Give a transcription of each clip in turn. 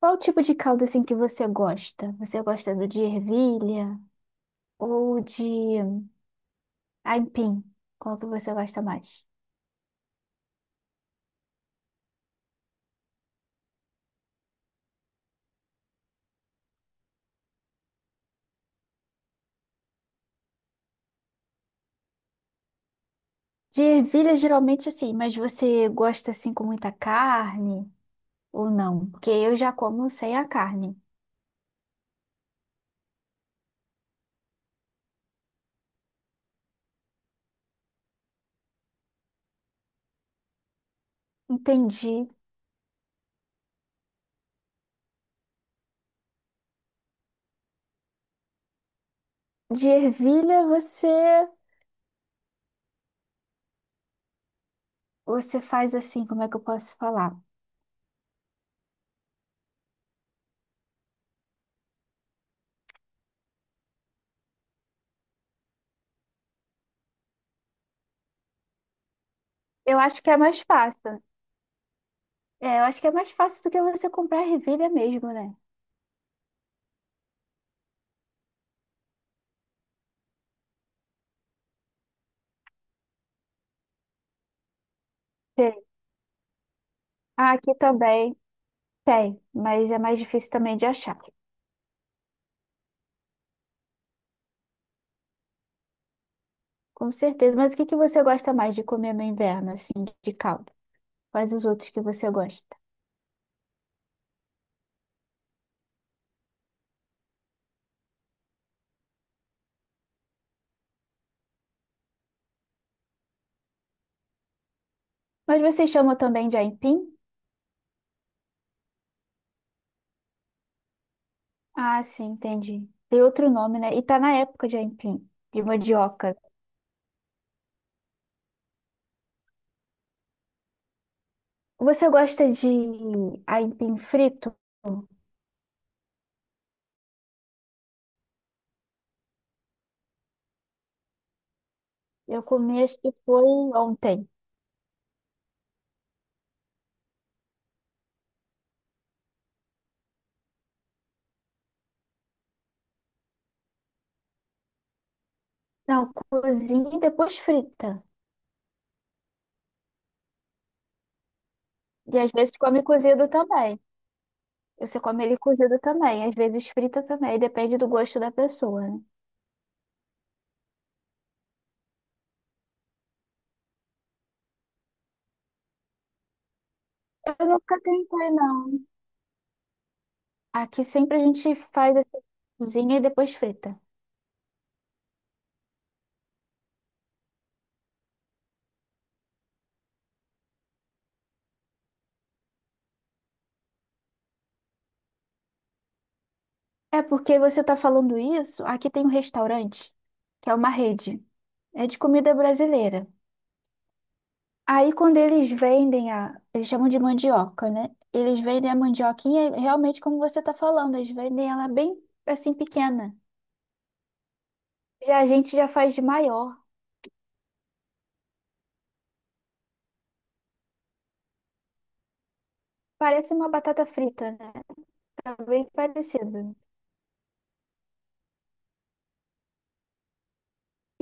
Qual o tipo de caldo assim que você gosta? Você gosta do de ervilha ou de aipim? Qual que você gosta mais? De ervilha geralmente assim, mas você gosta assim com muita carne ou não? Porque eu já como sem a carne. Entendi. De ervilha você faz assim, como é que eu posso falar? Eu acho que é mais fácil. É, eu acho que é mais fácil do que você comprar ervilha mesmo, né? Tem. Ah, aqui também tem, mas é mais difícil também de achar. Com certeza. Mas o que que você gosta mais de comer no inverno, assim, de caldo? Quais os outros que você gosta? Mas você chama também de aipim? Ah, sim, entendi. Tem outro nome, né? E tá na época de aipim, de mandioca. Você gosta de aipim frito? Eu comi, acho que foi ontem. Não, cozinha e depois frita. E às vezes come cozido também. Você come ele cozido também, às vezes frita também, depende do gosto da pessoa, né? Eu nunca tentei, não. Aqui sempre a gente faz essa cozinha e depois frita. É porque você tá falando isso, aqui tem um restaurante, que é uma rede. É de comida brasileira. Aí quando eles vendem a, eles chamam de mandioca, né? Eles vendem a mandioquinha realmente como você tá falando, eles vendem ela bem assim pequena. Já a gente já faz de maior. Parece uma batata frita, né? Tá bem parecido.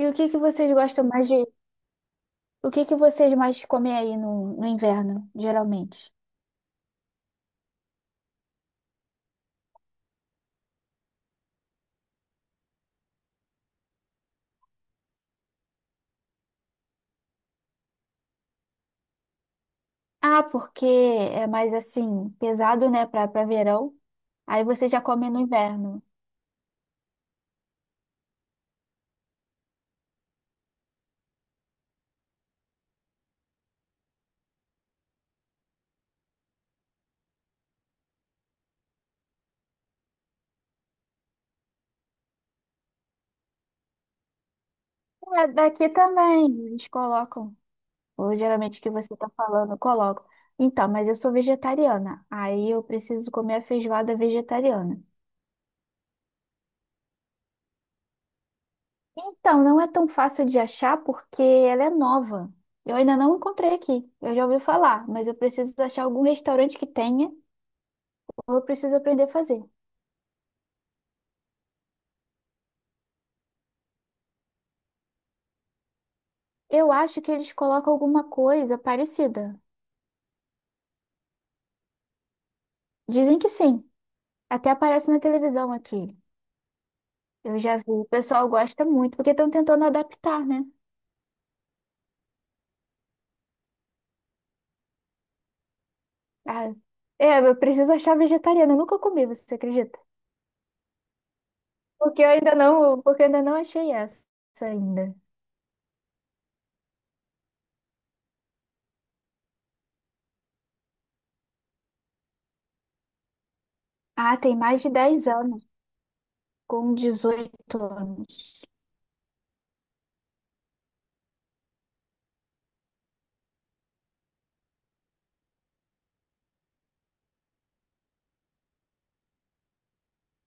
E o que que vocês gostam mais o que que vocês mais comem aí no, no inverno, geralmente? Ah, porque é mais assim, pesado, né, pra, pra verão. Aí você já come no inverno. É, daqui também, eles colocam. Ou geralmente que você tá falando, colocam. Então, mas eu sou vegetariana. Aí eu preciso comer a feijoada vegetariana. Então, não é tão fácil de achar porque ela é nova. Eu ainda não encontrei aqui. Eu já ouvi falar, mas eu preciso achar algum restaurante que tenha, ou eu preciso aprender a fazer. Eu acho que eles colocam alguma coisa parecida. Dizem que sim. Até aparece na televisão aqui. Eu já vi. O pessoal gosta muito, porque estão tentando adaptar, né? Ah, é, eu preciso achar vegetariana. Eu nunca comi, você acredita? Porque eu ainda não achei essa ainda. Ah, tem mais de 10 anos, com dezoito anos.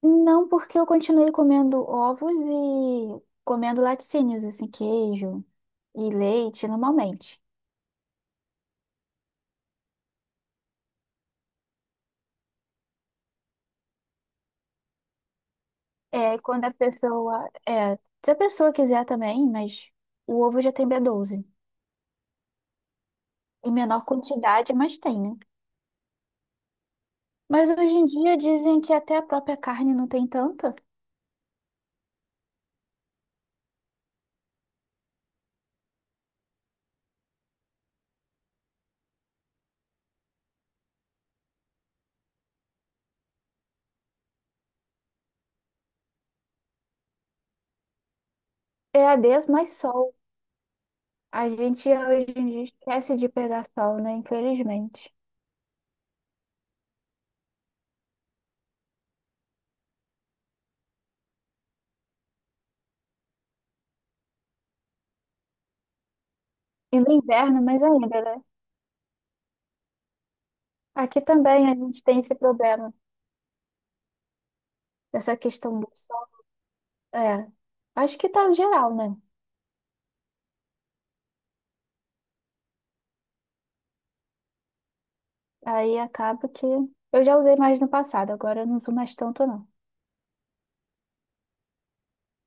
Não, porque eu continuei comendo ovos e comendo laticínios, assim, queijo e leite normalmente. É, quando a pessoa. É, se a pessoa quiser também, mas o ovo já tem B12. Em menor quantidade, mas tem, né? Mas hoje em dia dizem que até a própria carne não tem tanta. É a des mais sol. A gente hoje em dia esquece de pegar sol, né? Infelizmente. E no inverno, mais ainda, né? Aqui também a gente tem esse problema, essa questão do sol. É, acho que tá geral, né? Aí acaba que eu já usei mais no passado, agora eu não uso mais tanto, não.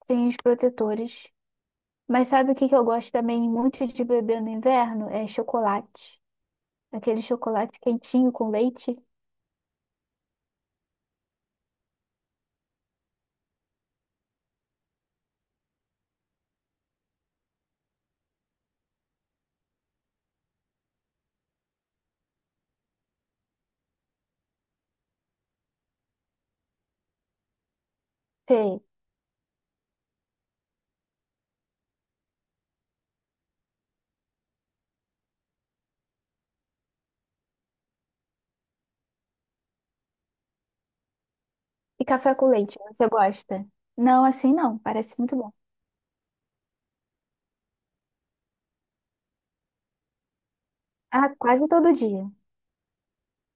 Tem os protetores. Mas sabe o que que eu gosto também muito de beber no inverno? É chocolate. Aquele chocolate quentinho com leite. Sei. E café com leite, você gosta? Não, assim não, parece muito bom. Ah, quase todo dia.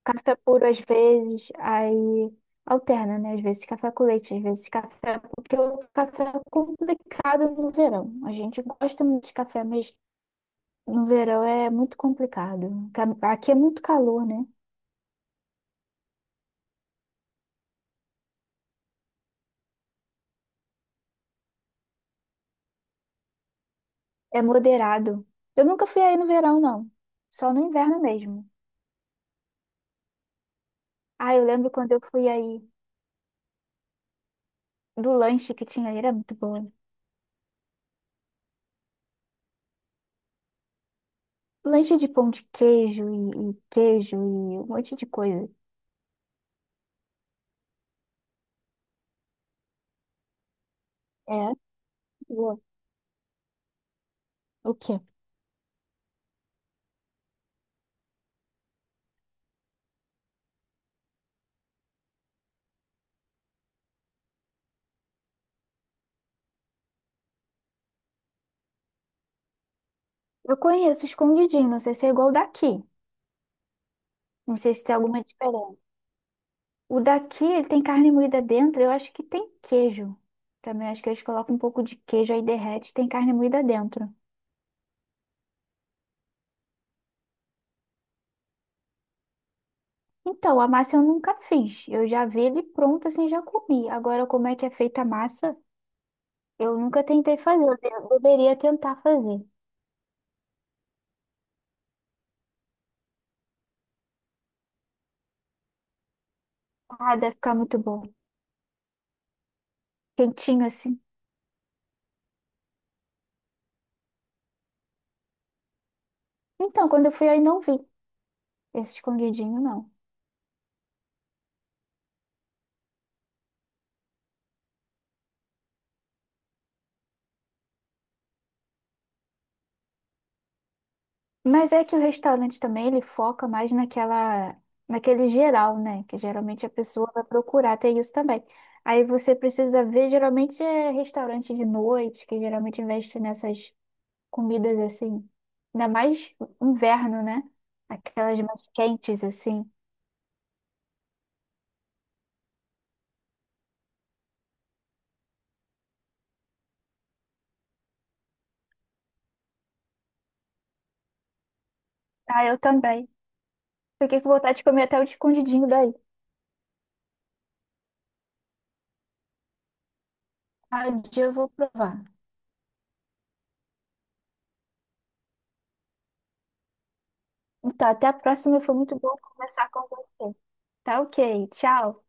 Café puro às vezes, aí alterna, né? Às vezes café com leite, às vezes café, porque o café é complicado no verão. A gente gosta muito de café, mas no verão é muito complicado. Ca- Aqui é muito calor, né? É moderado. Eu nunca fui aí no verão, não. Só no inverno mesmo. Ah, eu lembro quando eu fui aí do lanche que tinha ali era muito bom. Lanche de pão de queijo e queijo e um monte de coisa. É, boa. O quê? Eu conheço escondidinho, não sei se é igual o daqui. Não sei se tem alguma diferença. O daqui, ele tem carne moída dentro, eu acho que tem queijo. Também acho que eles colocam um pouco de queijo aí derrete, tem carne moída dentro. Então, a massa eu nunca fiz. Eu já vi ele pronto, assim, já comi. Agora, como é que é feita a massa? Eu nunca tentei fazer. Eu deveria tentar fazer. Ah, deve ficar muito bom. Quentinho assim. Então, quando eu fui aí não vi esse escondidinho, não. Mas é que o restaurante também, ele foca mais naquela, naquele geral, né? Que geralmente a pessoa vai procurar, tem isso também. Aí você precisa ver, geralmente é restaurante de noite, que geralmente investe nessas comidas assim, ainda mais inverno, né? Aquelas mais quentes assim. Ah, eu também. Fiquei com vontade de comer até o escondidinho daí. Ah, um dia eu vou provar. Então, até a próxima, foi muito bom conversar com você. Tá ok, tchau.